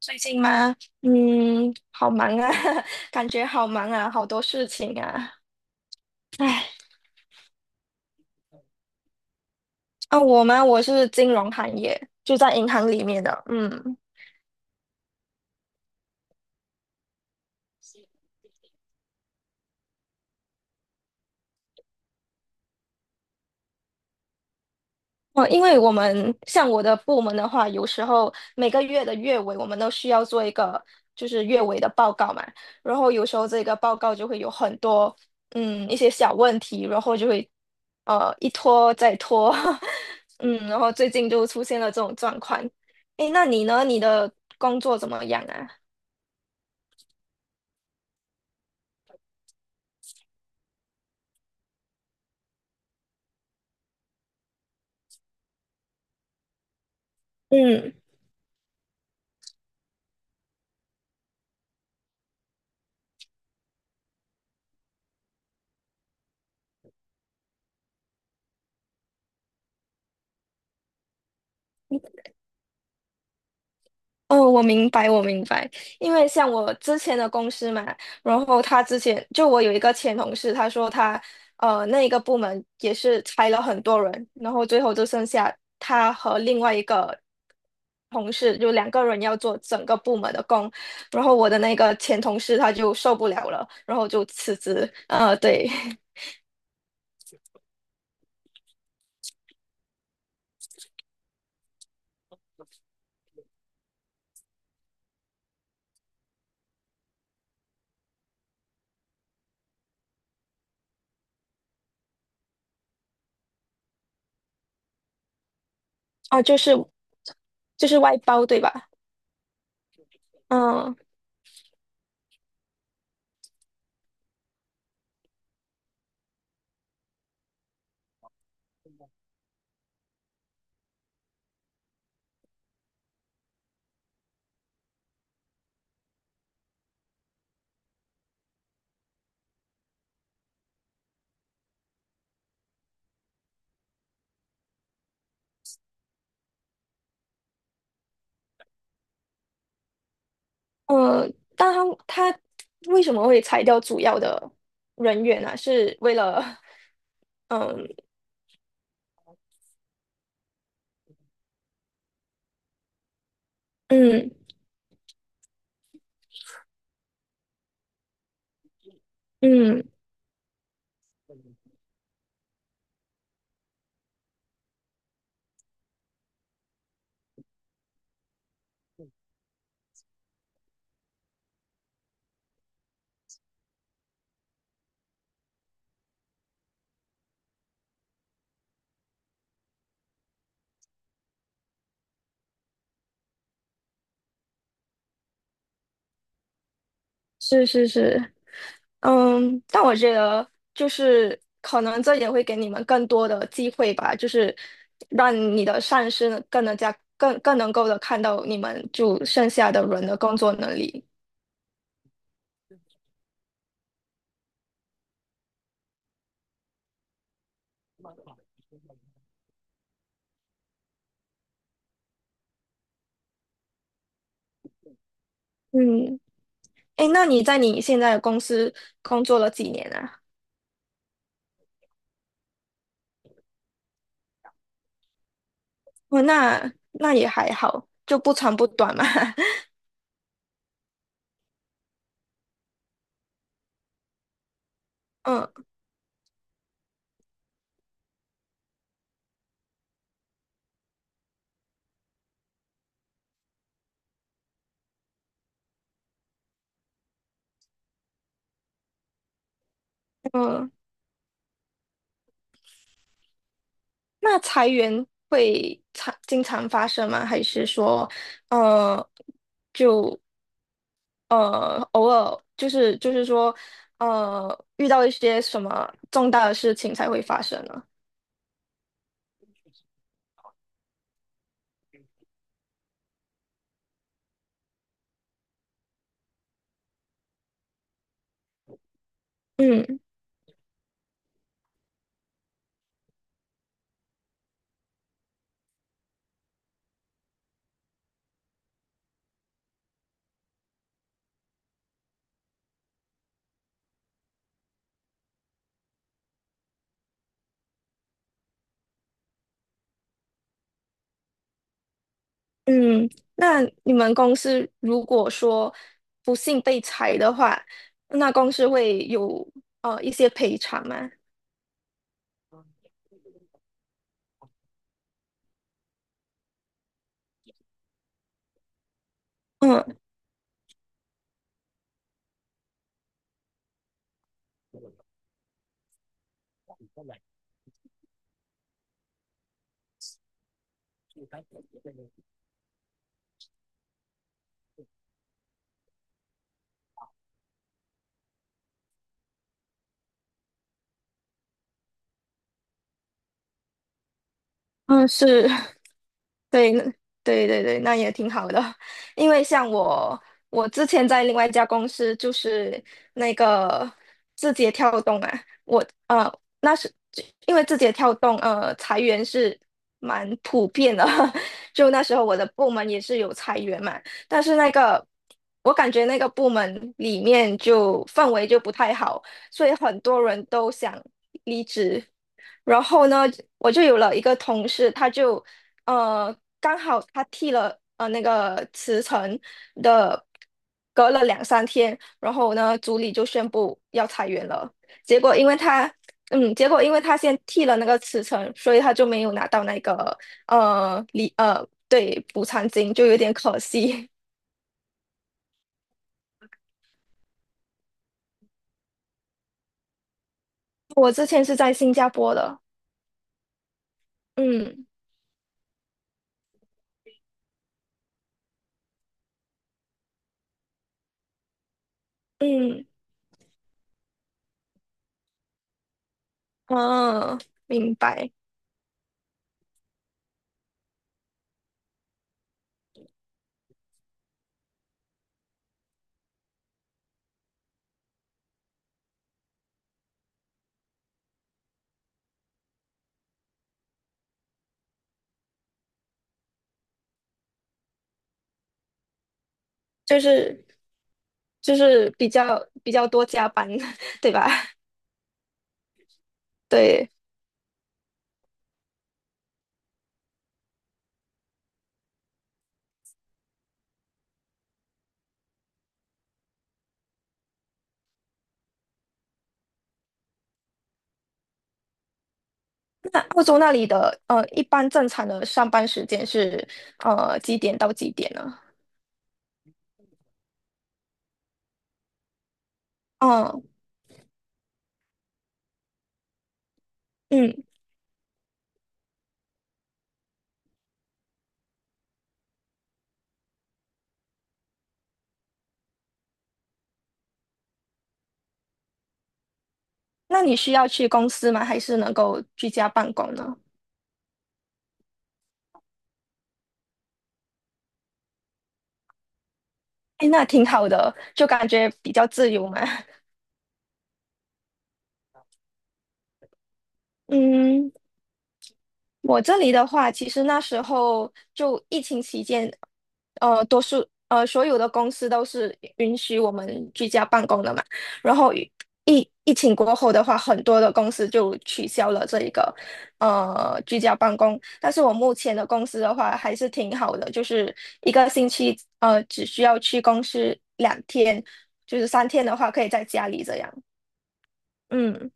最近吗？好忙啊，感觉好忙啊，好多事情啊。唉，啊，我吗？我是金融行业，就在银行里面的。嗯。哦，因为我们像我的部门的话，有时候每个月的月尾，我们都需要做一个就是月尾的报告嘛。然后有时候这个报告就会有很多一些小问题，然后就会一拖再拖，然后最近就出现了这种状况。诶，那你呢？你的工作怎么样啊？嗯。哦，我明白，我明白。因为像我之前的公司嘛，然后他之前就我有一个前同事，他说他那一个部门也是裁了很多人，然后最后就剩下他和另外一个同事，就2个人要做整个部门的工。然后我的那个前同事他就受不了了，然后就辞职。对。啊，就是外包，对吧？嗯。呃，但他为什么会裁掉主要的人员呢？是为了，嗯嗯嗯，是是是。嗯，但我觉得就是可能这也会给你们更多的机会吧，就是让你的上司呢更能加更更能够的看到你们就剩下的人的工作能力。嗯。哎，那你在你现在的公司工作了几年啊？哦，那也还好，就不长不短嘛。嗯。嗯，那裁员会经常发生吗？还是说，呃，就偶尔就是说，遇到一些什么重大的事情才会发生呢？嗯嗯。那你们公司如果说不幸被裁的话，那公司会有一些赔偿吗？嗯嗯，是对，那对对对，那也挺好的。因为像我之前在另外一家公司，就是那个字节跳动啊，那是因为字节跳动裁员是蛮普遍的，就那时候我的部门也是有裁员嘛。但是那个我感觉那个部门里面就氛围就不太好，所以很多人都想离职。然后呢，我就有了一个同事，他就。呃。刚好他剃了那个辞呈的，隔了两三天，然后呢，组里就宣布要裁员了。结果因为他，结果因为他先剃了那个辞呈，所以他就没有拿到那个呃离呃对补偿金，就有点可惜。我之前是在新加坡的。嗯嗯嗯，明白。就是就是比较多加班，对吧？对。那澳洲那里的一般正常的上班时间是几点到几点呢？嗯嗯。那你需要去公司吗？还是能够居家办公呢？哎，那挺好的，就感觉比较自由嘛。嗯。我这里的话，其实那时候就疫情期间，所有的公司都是允许我们居家办公的嘛。然后疫情过后的话，很多的公司就取消了这一个居家办公。但是我目前的公司的话还是挺好的，就是一个星期只需要去公司2天，就是三天的话可以在家里这样。嗯，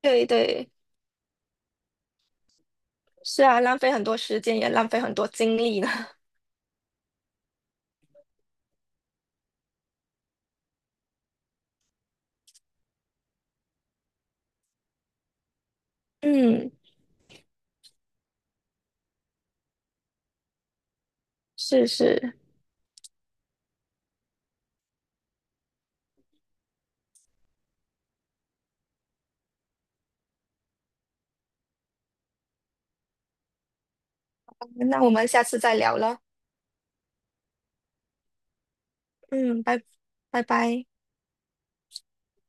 对对，是啊，浪费很多时间也浪费很多精力呢。嗯。是是，那我们下次再聊了。嗯，拜拜拜。